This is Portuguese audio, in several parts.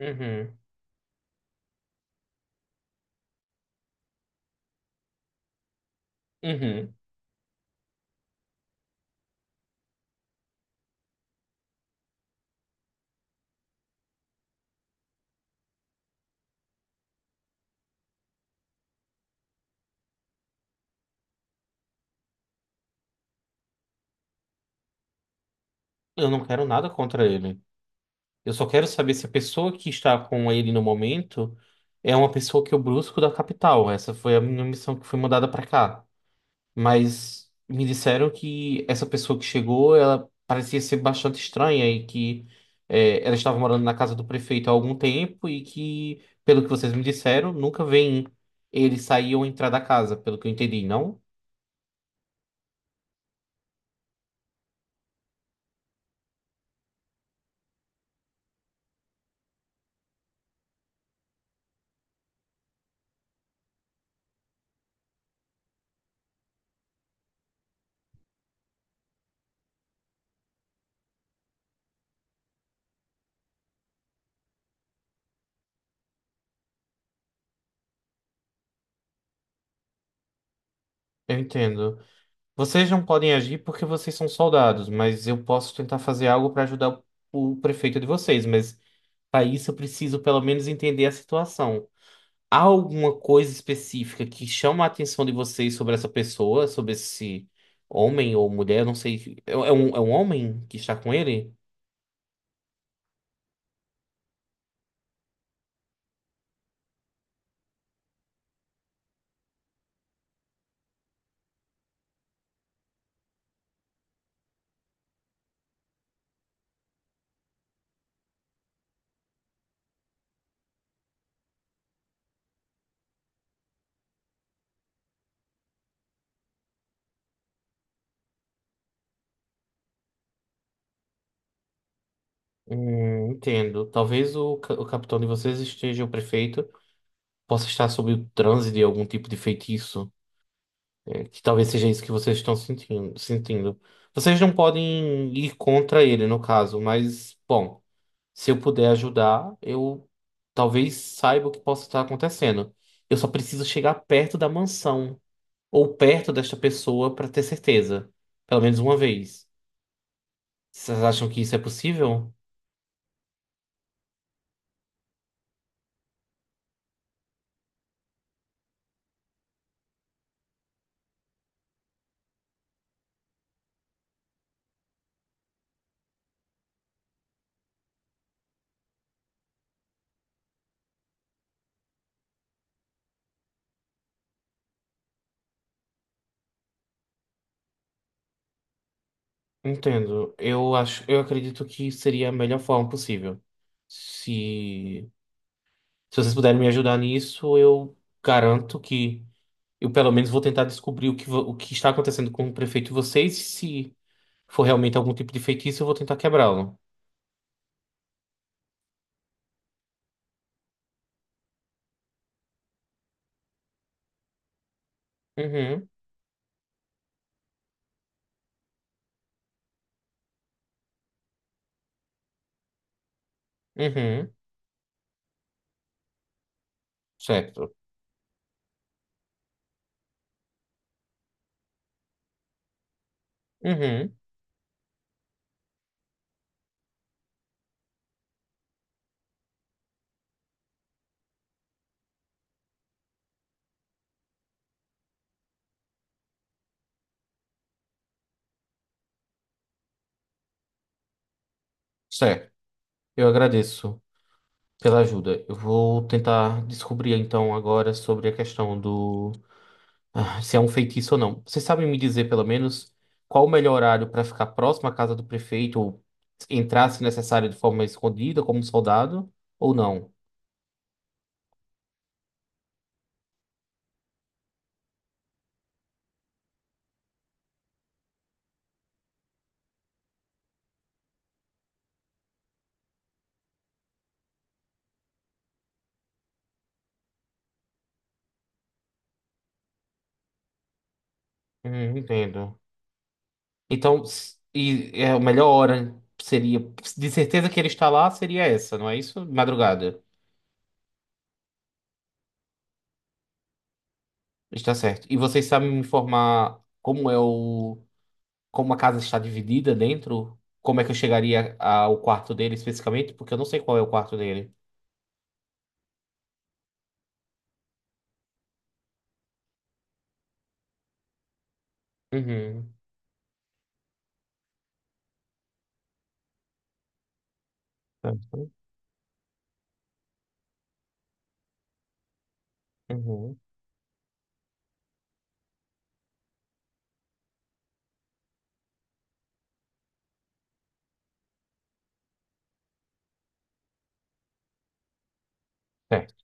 Uhum, uhum. Eu não quero nada contra ele. Eu só quero saber se a pessoa que está com ele no momento é uma pessoa que eu busco da capital. Essa foi a minha missão que foi mandada pra cá. Mas me disseram que essa pessoa que chegou, ela parecia ser bastante estranha e que ela estava morando na casa do prefeito há algum tempo e que, pelo que vocês me disseram, nunca vem ele sair ou entrar da casa, pelo que eu entendi, não? Eu entendo. Vocês não podem agir porque vocês são soldados, mas eu posso tentar fazer algo para ajudar o prefeito de vocês. Mas para isso eu preciso pelo menos entender a situação. Há alguma coisa específica que chama a atenção de vocês sobre essa pessoa, sobre esse homem ou mulher? Eu não sei. É um homem que está com ele? Entendo. Talvez o capitão de vocês esteja, o prefeito, possa estar sob o transe de algum tipo de feitiço. Que talvez seja isso que vocês estão sentindo, sentindo. Vocês não podem ir contra ele, no caso, mas, bom, se eu puder ajudar, eu talvez saiba o que possa estar acontecendo. Eu só preciso chegar perto da mansão ou perto desta pessoa para ter certeza, pelo menos uma vez. Vocês acham que isso é possível? Entendo. Eu acho, eu acredito que seria a melhor forma possível. Se, se vocês puderem me ajudar nisso, eu garanto que eu, pelo menos, vou tentar descobrir o que está acontecendo com o prefeito e vocês. Se for realmente algum tipo de feitiço, eu vou tentar quebrá-lo. Uhum, uhum, certo. Uhum, certo. Eu agradeço pela ajuda. Eu vou tentar descobrir, então, agora sobre a questão do, ah, se é um feitiço ou não. Vocês sabem me dizer, pelo menos, qual o melhor horário para ficar próximo à casa do prefeito ou entrar, se necessário, de forma escondida, como um soldado, ou não? Uhum, entendo. Então, e é a melhor hora seria, de certeza que ele está lá, seria essa, não é isso? Madrugada. Está certo. E vocês sabem me informar como a casa está dividida dentro? Como é que eu chegaria ao quarto dele especificamente? Porque eu não sei qual é o quarto dele. Uhum. Certo. Uhum. Certo.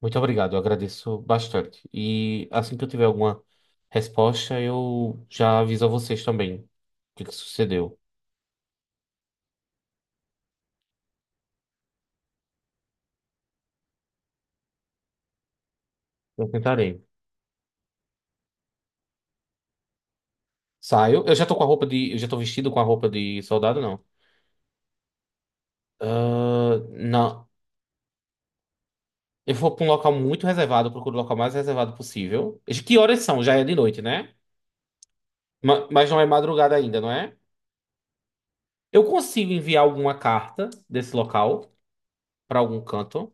Muito obrigado, eu agradeço bastante. E assim que eu tiver alguma resposta, eu já aviso a vocês também o que que sucedeu. Eu tentarei. Saio. Eu já tô vestido com a roupa de soldado, não. Ah, não. Eu vou pra um local muito reservado, eu procuro o local mais reservado possível. De Que horas são? Já é de noite, né? Mas não é madrugada ainda, não é? Eu consigo enviar alguma carta desse local pra algum canto.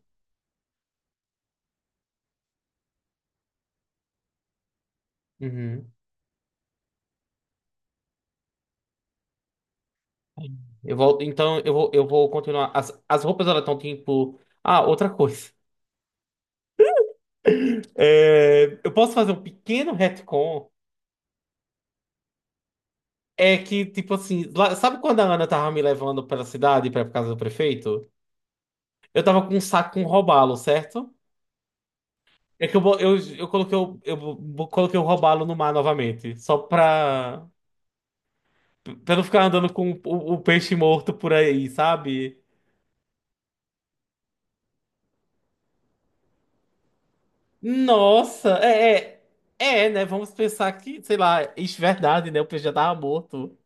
Uhum. Eu vou, então eu vou continuar. As roupas elas estão tipo. Ah, outra coisa. Eu posso fazer um pequeno retcon. É que, tipo assim, sabe quando a Ana tava me levando pela cidade pra casa do prefeito? Eu tava com um saco com um robalo, certo? É que eu coloquei o robalo no mar novamente, só pra não ficar andando com o peixe morto por aí, sabe? Nossa, é, né? Vamos pensar que, sei lá, isso é verdade, né? O peixe já tava morto.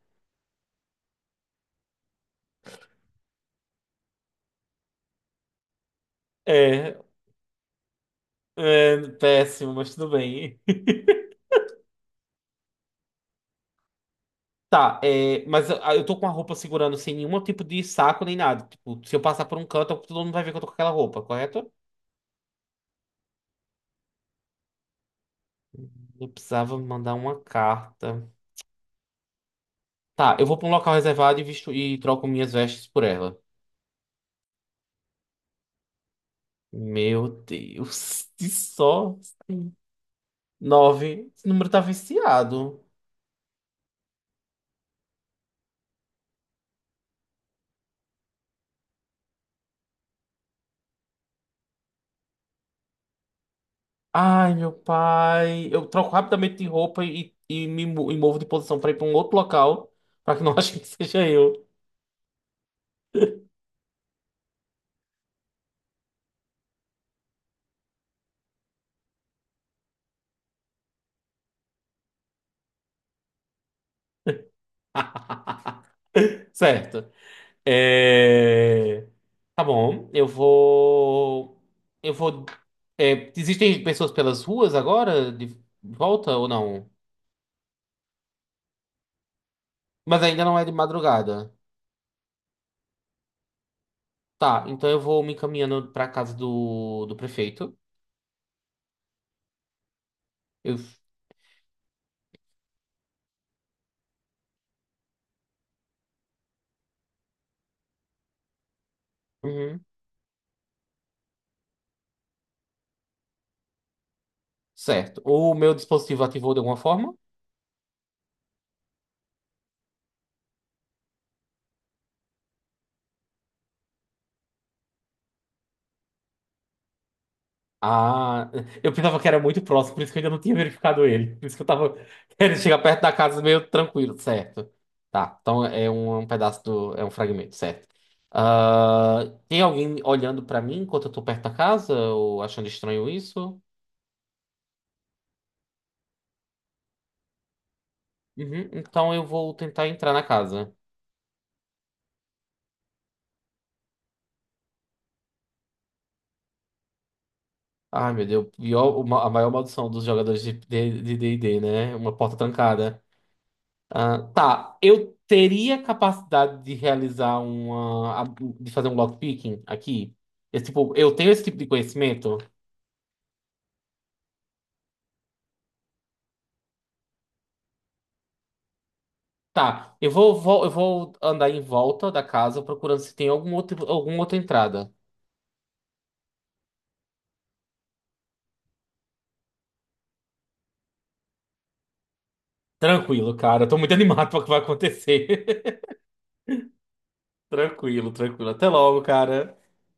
É, é péssimo, mas tudo bem. Tá, mas eu tô com a roupa segurando sem nenhum tipo de saco nem nada. Tipo, se eu passar por um canto, todo mundo vai ver que eu tô com aquela roupa, correto? Eu precisava mandar uma carta. Tá, eu vou pra um local reservado e visto e troco minhas vestes por ela. Meu Deus, que só assim. Nove. Esse número tá viciado. Ai, meu pai. Eu troco rapidamente de roupa e me movo de posição pra ir pra um outro local, pra que não achem que seja eu. Certo. É, Tá bom, eu vou. Eu vou. Existem pessoas pelas ruas agora, de volta ou não? Mas ainda não é de madrugada. Tá, então eu vou me encaminhando pra casa do prefeito. Eu... Uhum, certo. O meu dispositivo ativou de alguma forma? Ah, eu pensava que era muito próximo, por isso que eu ainda não tinha verificado ele. Por isso que eu tava querendo chegar perto da casa meio tranquilo, certo? Tá, então é um pedaço do. É um fragmento, certo? Ah, tem alguém olhando pra mim enquanto eu tô perto da casa? Ou achando estranho isso? Uhum, então eu vou tentar entrar na casa. Ai, meu Deus, pior, a maior maldição dos jogadores de D&D, né? Uma porta trancada. Ah, tá, eu teria capacidade de realizar de fazer um lockpicking aqui. Esse tipo, eu tenho esse tipo de conhecimento. Tá, eu vou andar em volta da casa procurando se tem algum outro, alguma outra entrada. Tranquilo, cara. Eu tô muito animado para o que vai acontecer. Tranquilo, tranquilo. Até logo, cara.